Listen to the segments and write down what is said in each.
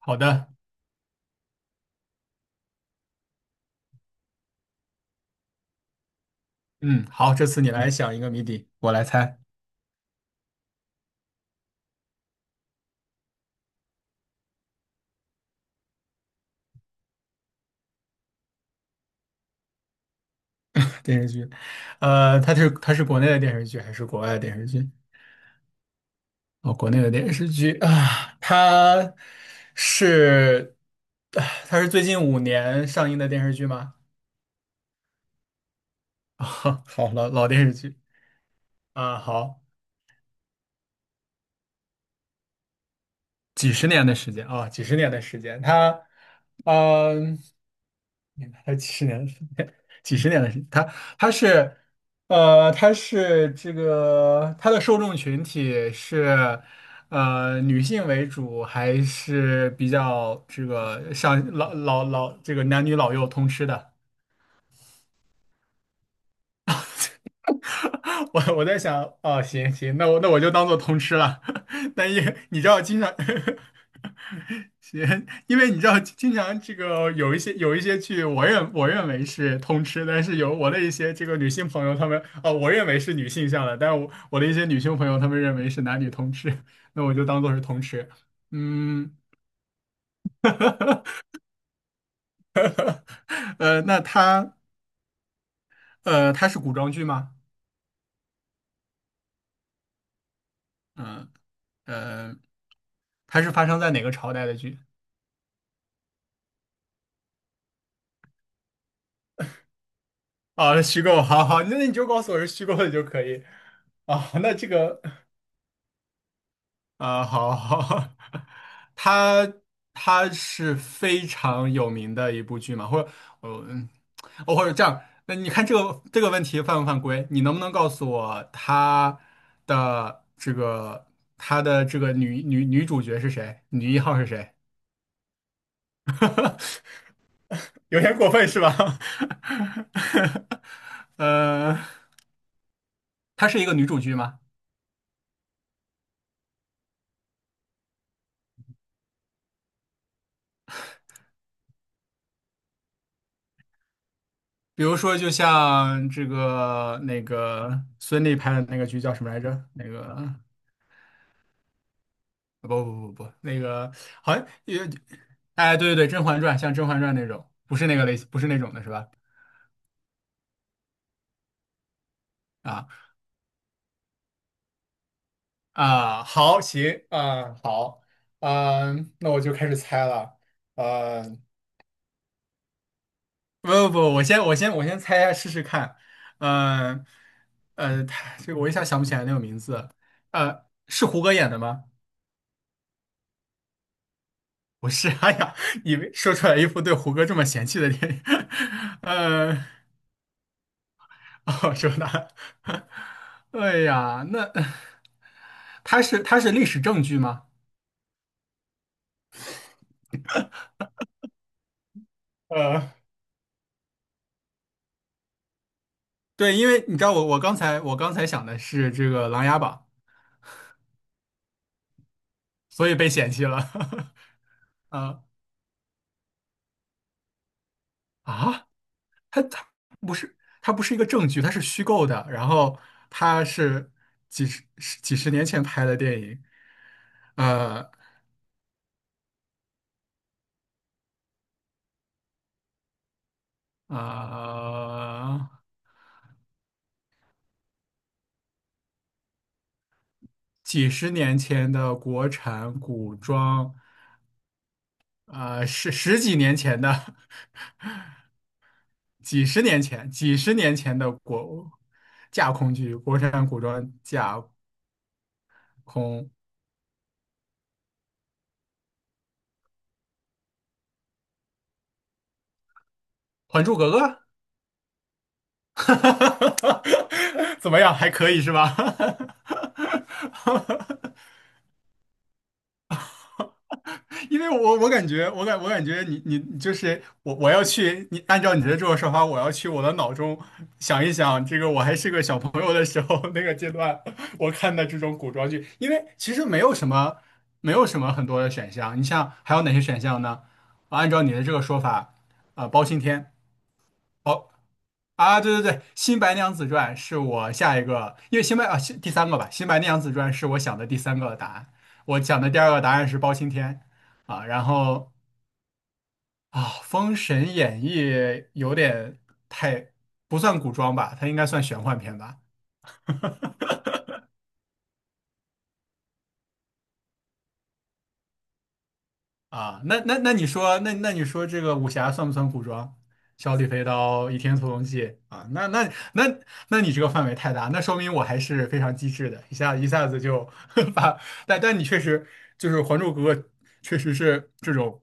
好的，嗯，好，这次你来想一个谜底，我来猜。 电视剧。它是国内的电视剧还是国外的电视剧？哦，国内的电视剧啊，是它是最近5年上映的电视剧吗？啊，好，老电视剧。啊，好，几十年的时间啊，几十年的时间，他，嗯、还有几十年的时间，几十年的时间，他是，他是这个他的受众群体是，女性为主，还是比较这个像老这个男女老幼通吃的？我在想，哦，行行，那我就当做通吃了。但也你知道，经常。 行，因为你知道，经常这个有一些剧，我认为是通吃，但是有我的一些这个女性朋友，她们哦，我认为是女性向的，但我的一些女性朋友，她们认为是男女通吃，那我就当做是通吃。嗯。呃，那它它是古装剧吗？嗯呃，它是发生在哪个朝代的剧？啊，虚构，好好，那你就告诉我是虚构的就可以。啊，那这个，啊，好好。它它是非常有名的一部剧嘛，或者我嗯，哦，或者这样，那你看这个问题犯不犯规？你能不能告诉我的这个它的这个女主角是谁？女一号是谁？有点过分是吧？呃，它是一个女主剧吗？比如说，就像这个那个孙俪拍的那个剧叫什么来着？那个不不不，不，那个好像也。哎，对对对，《甄嬛传》，像《甄嬛传》那种，不是那个类型，不是那种的是吧？啊啊，好，行啊，好，嗯，那我就开始猜了。呃，不不不，我先猜一下试试看。嗯他这个我一下想不起来那个名字。是胡歌演的吗？不是。哎呀，你们说出来一副对胡歌这么嫌弃的电影。呃，哦，说他，哎呀，那他是历史证据吗？呃，对，因为你知道我刚才想的是这个《琅琊榜》，所以被嫌弃了。啊啊，他他不是他不是一个证据，它是虚构的，然后它是几十年前拍的电影。呃呃。几十年前的国产古装，十几年前的，几十年前，几十年前的架空剧，国产古装架空，《还珠格格》。怎么样？还可以是吧？因为我感觉，我感觉你就是我，我要去你按照你的这种说法，我要去我的脑中想一想，这个我还是个小朋友的时候， 那个阶段，我看的这种古装剧，因为其实没有什么很多的选项，你像还有哪些选项呢？按照你的这个说法，啊、包青天，包啊，对对对，《新白娘子传》是我下一个。因为新白啊新第三个吧，《新白娘子传》是我想的第三个答案，我想的第二个答案是包青天。啊，然后，啊，《封神演义》有点太不算古装吧，它应该算玄幻片吧？啊，那你说，那你说这个武侠算不算古装？小李飞刀、倚天屠龙记啊，那那你这个范围太大，那说明我还是非常机智的，一下子就 把，但你确实就是《还珠格格》，确实是这种。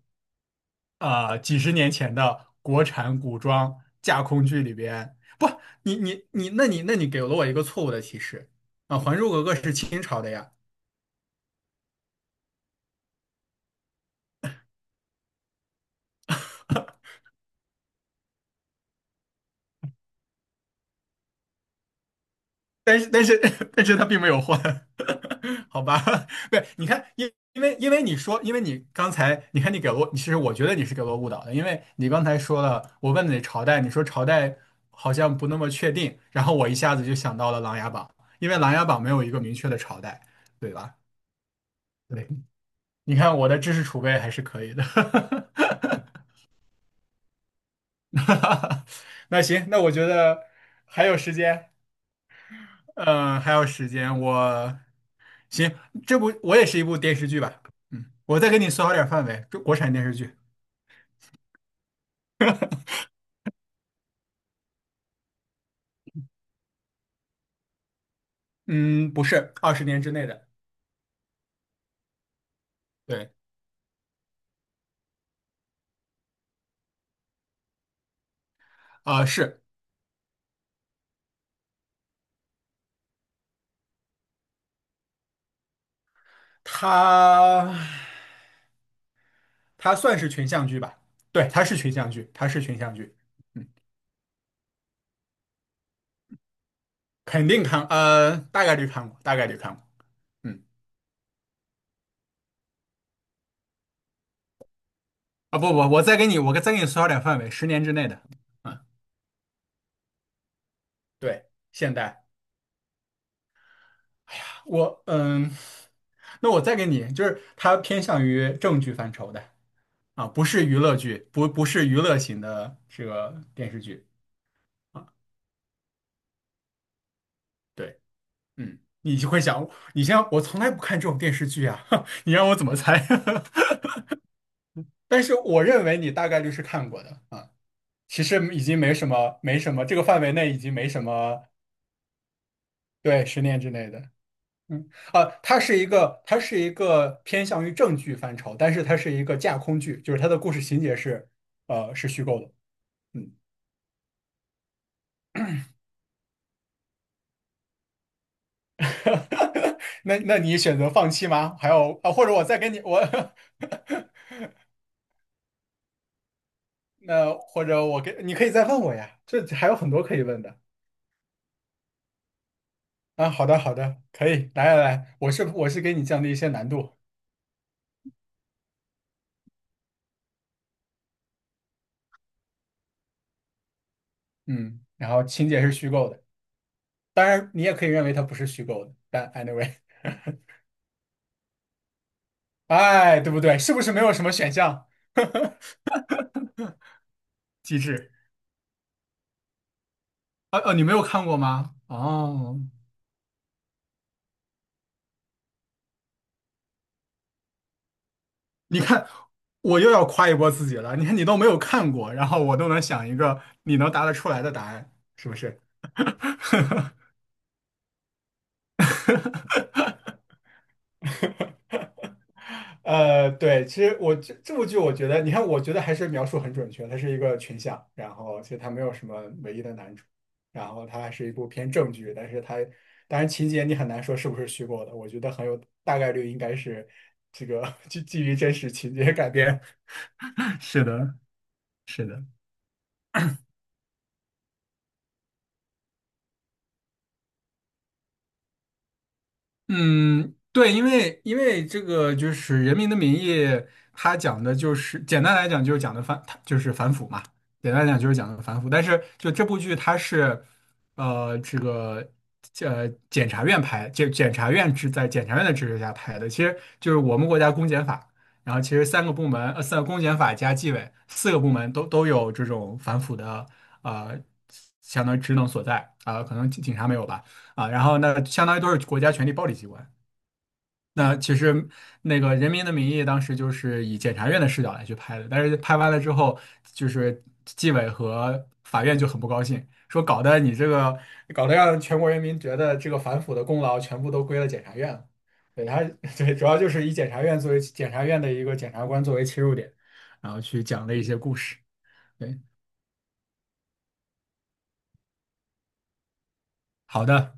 啊、几十年前的国产古装架空剧里边，不，你你你，那你给了我一个错误的提示。啊，《还珠格格》是清朝的呀，但是 但是它并没有换。好吧？对，你看，因为你说，因为你刚才，你看你给了我，其实我觉得你是给了我误导的，因为你刚才说了，我问你朝代，你说朝代好像不那么确定，然后我一下子就想到了《琅琊榜》，因为《琅琊榜》没有一个明确的朝代，对吧？对。你看我的知识储备还是可以的。那行，那我觉得还有时间，嗯、还有时间，行，这部我也是一部电视剧吧。嗯，我再给你缩小点范围，中国产电视剧。嗯，不是20年之内的。对。啊、是。它，它算是群像剧吧，对，它是群像剧，它是群像剧。嗯，肯定看，大概率看过，大概率看过。嗯。啊，不不，我再给你缩小点范围，十年之内的。嗯，对。现代，我嗯，那我再给你，就是它偏向于正剧范畴的。啊，不是娱乐剧，不是娱乐型的这个电视剧。对。嗯，你就会想，你像我从来不看这种电视剧啊。你让我怎么猜？但是我认为你大概率是看过的啊。其实已经没什么，这个范围内已经没什么。对，十年之内的。嗯，它是一个偏向于正剧范畴，但是它是一个架空剧，就是它的故事情节是，是虚构的。嗯。那那你选择放弃吗？还有啊，或者我再给你我，那或者我给你可以再问我呀，这还有很多可以问的啊。好的，好的，可以，来来来，我是给你降低一些难度。嗯，然后情节是虚构的，当然你也可以认为它不是虚构的，但 anyway,哎，对不对？是不是没有什么选项？机智。啊，你没有看过吗？哦，你看，我又要夸一波自己了。你看，你都没有看过，然后我都能想一个你能答得出来的答案，是不是？对，其实我这部剧，我觉得，你看，我觉得还是描述很准确，它是一个群像，然后其实它没有什么唯一的男主，然后它还是一部偏正剧，但是它当然情节你很难说是不是虚构的，我觉得很有大概率应该是这个 基于真实情节改编。是的，是的。嗯，对，因为因为这个就是《人民的名义》，它讲的就是简单来讲就是讲的反，它就是反腐嘛。简单来讲就是讲的反腐。但是就这部剧它是，这个检察院拍，检察院在检察院的支持下拍的，其实就是我们国家公检法，然后其实三个部门，三公检法加纪委四个部门都有这种反腐的呃相当于职能所在啊，可能警察没有吧。啊，然后那相当于都是国家权力暴力机关。那其实那个《人民的名义》当时就是以检察院的视角来去拍的，但是拍完了之后，就是纪委和法院就很不高兴，说搞得你这个搞得让全国人民觉得这个反腐的功劳全部都归了检察院了。对他。对，主要就是以检察院作为检察院的一个检察官作为切入点，然后去讲了一些故事。对。好的。